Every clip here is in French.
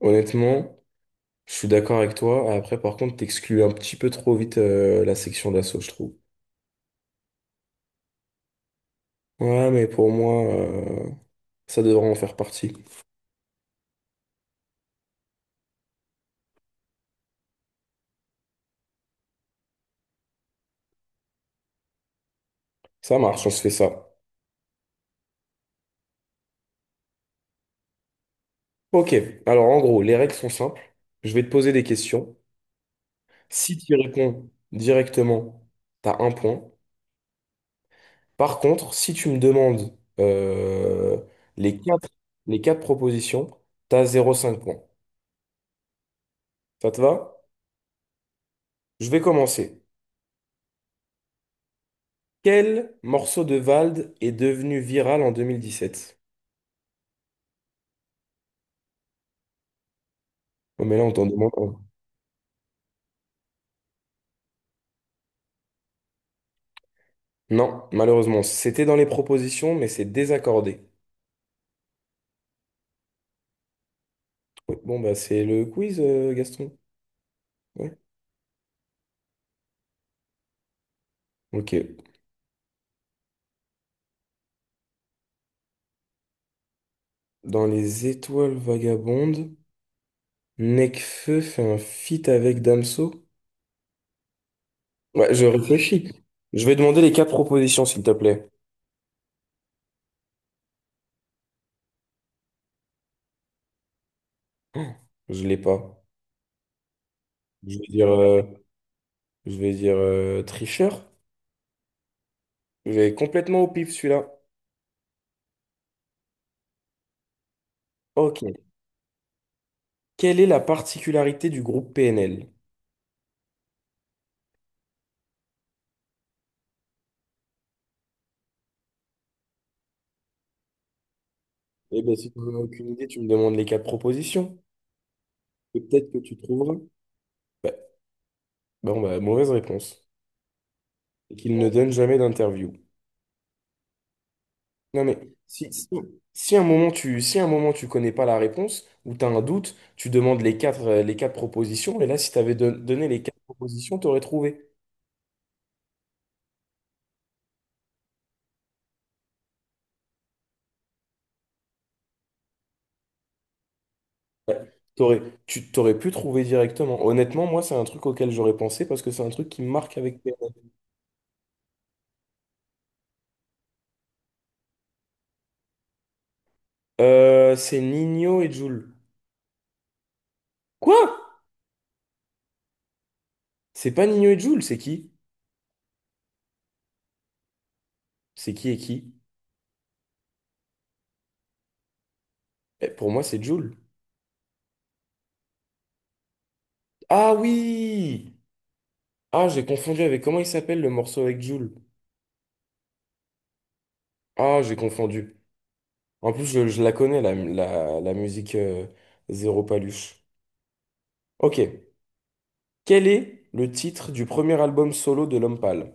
Honnêtement, je suis d'accord avec toi. Après, par contre, t'exclus un petit peu trop vite la section d'assaut, je trouve. Ouais, mais pour moi, ça devrait en faire partie. Ça marche, on se fait ça. Ok, alors en gros, les règles sont simples. Je vais te poser des questions. Si tu y réponds directement, t'as un point. Par contre, si tu me demandes les quatre, les quatre propositions, t'as 0,5 points. Ça te va? Je vais commencer. Quel morceau de Vald est devenu viral en 2017? Oh, mais là, on t'en demande un. Non, malheureusement, c'était dans les propositions, mais c'est désaccordé. Oui, bon, bah, c'est le quiz, Gaston. Ouais. Ok. Dans Les Étoiles Vagabondes, Nekfeu fait un feat avec Damso. Ouais, je réfléchis. Je vais demander les quatre propositions, s'il te plaît. Oh, je l'ai pas. Je vais dire, euh, je vais dire tricheur. Je vais complètement au pif, celui-là. Ok. Quelle est la particularité du groupe PNL? Eh bien, si tu n'en as aucune idée, tu me demandes les quatre propositions. Et peut-être que tu trouveras. Bah, bon, bah, mauvaise réponse. Et qu'il ne donne jamais d'interview. Non, mais si, un moment tu, si un moment tu connais pas la réponse ou tu as un doute, tu demandes les quatre propositions. Et là, si tu avais donné les quatre propositions, tu aurais trouvé. Ouais. Tu t'aurais pu trouver directement. Honnêtement, moi, c'est un truc auquel j'aurais pensé parce que c'est un truc qui me marque avec PNL. C'est Nino et Jul. Quoi? C'est pas Nino et Jul, c'est qui? C'est qui et qui? Eh, pour moi, c'est Jul. Ah oui! Ah, j'ai confondu avec comment il s'appelle le morceau avec Jul. Ah, j'ai confondu. En plus, je la connais, la musique, Zéro Paluche. Ok. Quel est le titre du premier album solo de L'Homme Pâle?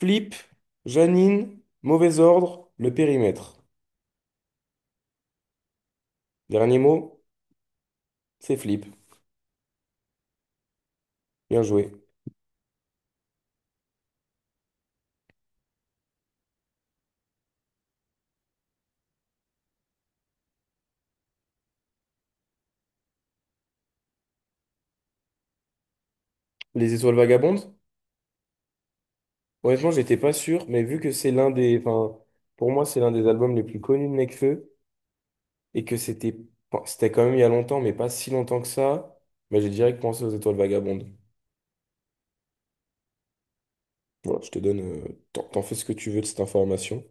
Flip, Janine, Mauvais Ordre, Le Périmètre. Dernier mot, c'est Flip. Bien joué. Les Étoiles Vagabondes? Honnêtement, j'étais pas sûr, mais vu que c'est l'un des, enfin, pour moi, c'est l'un des albums les plus connus de Nekfeu et que enfin, c'était quand même il y a longtemps, mais pas si longtemps que ça, bah, j'ai direct pensé aux Étoiles Vagabondes. Voilà, je te donne, t'en t'en fais ce que tu veux de cette information.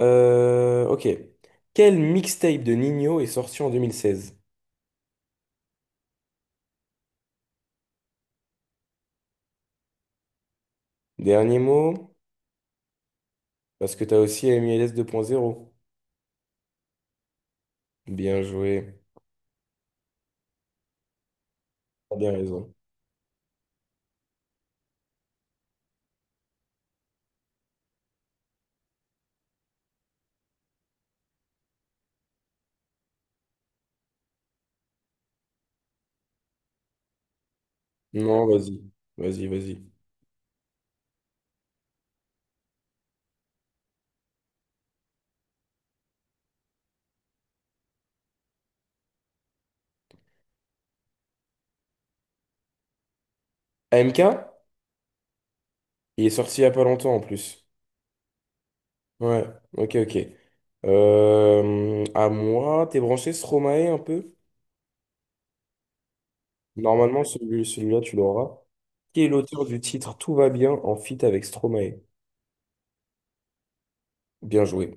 Ok. Quel mixtape de Nino est sorti en 2016? Dernier mot, parce que t'as aussi MLS 2.0. Bien joué. T'as bien raison. Non, vas-y, vas-y, vas-y. AMK, il est sorti il y a pas longtemps en plus. Ouais, ok, ok. À moi, t'es branché Stromae un peu? Normalement, celui-là, tu l'auras. Qui est l'auteur du titre Tout va bien en feat avec Stromae? Bien joué.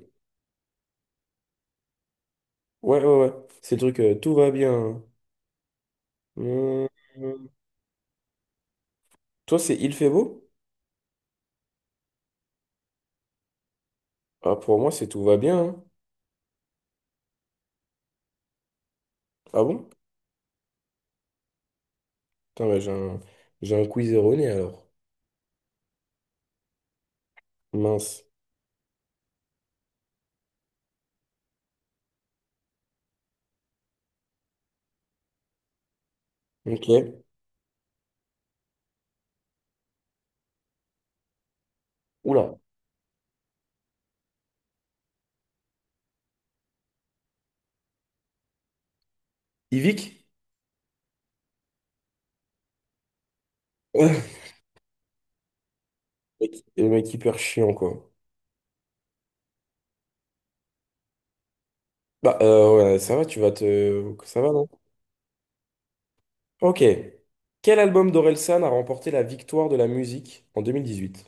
Ouais, ouais, ouais. C'est le truc Tout va bien. Hum, hum. Toi, c'est Il fait beau? Ah, pour moi, c'est Tout va bien, hein. Ah bon? Putain, bah, j'ai un quiz erroné alors. Mince. Ok. Oula. Yvick? Le mec hyper chiant, quoi. Bah, ouais, ça va, tu vas te. Ça va, non? Ok. Quel album d'Orelsan a remporté la victoire de la musique en 2018?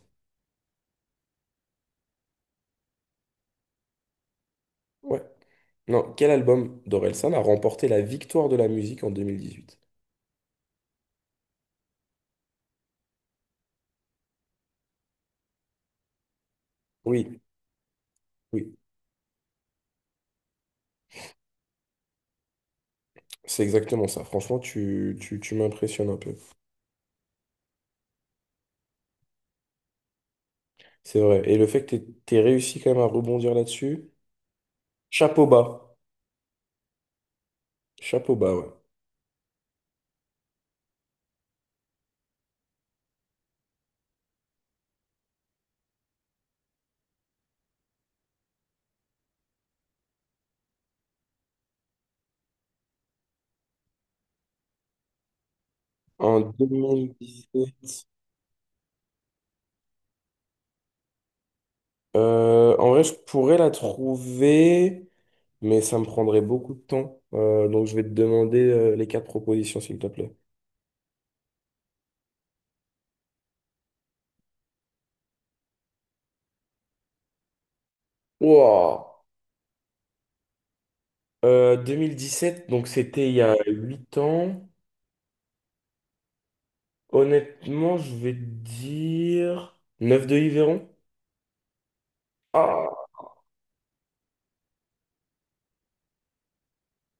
Ouais. Non, quel album d'Orelsan a remporté la victoire de la musique en deux mille dix-huit? Oui, oui, c'est exactement ça. Franchement, tu m'impressionnes un peu. C'est vrai. Et le fait que tu t'aies réussi quand même à rebondir là-dessus, chapeau bas. Chapeau bas, ouais. En 2017. En vrai, je pourrais la trouver, mais ça me prendrait beaucoup de temps. Donc, je vais te demander les quatre propositions, s'il te plaît. Wow. 2017, donc c'était il y a 8 ans. Honnêtement, je vais te dire 9 de Yveron. Ah,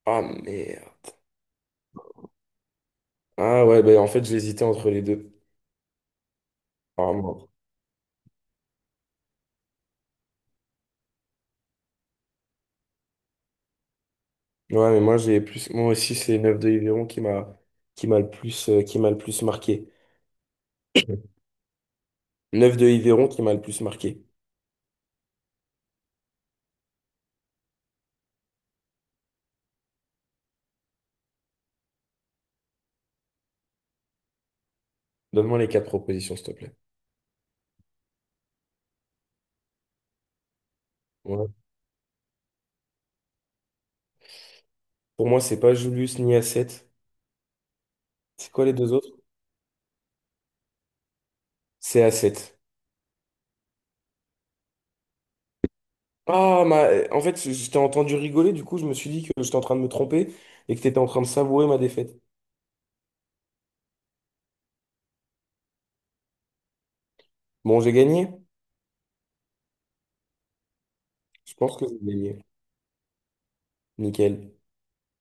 ah merde. Ah ouais, bah, en fait, j'hésitais entre les deux. Ah, merde. Ouais, mais moi j'ai plus moi aussi c'est 9 de Yveron qui m'a le plus marqué. Neuf de Yveron qui m'a le plus marqué. Donne-moi les quatre propositions s'il te plaît. Ouais. Pour moi, c'est pas Julius ni A7. C'est quoi les deux autres? C'est A7. Ah, en fait, je t'ai entendu rigoler, du coup, je me suis dit que j'étais en train de me tromper et que tu étais en train de savourer ma défaite. Bon, j'ai gagné. Je pense que j'ai gagné. Nickel.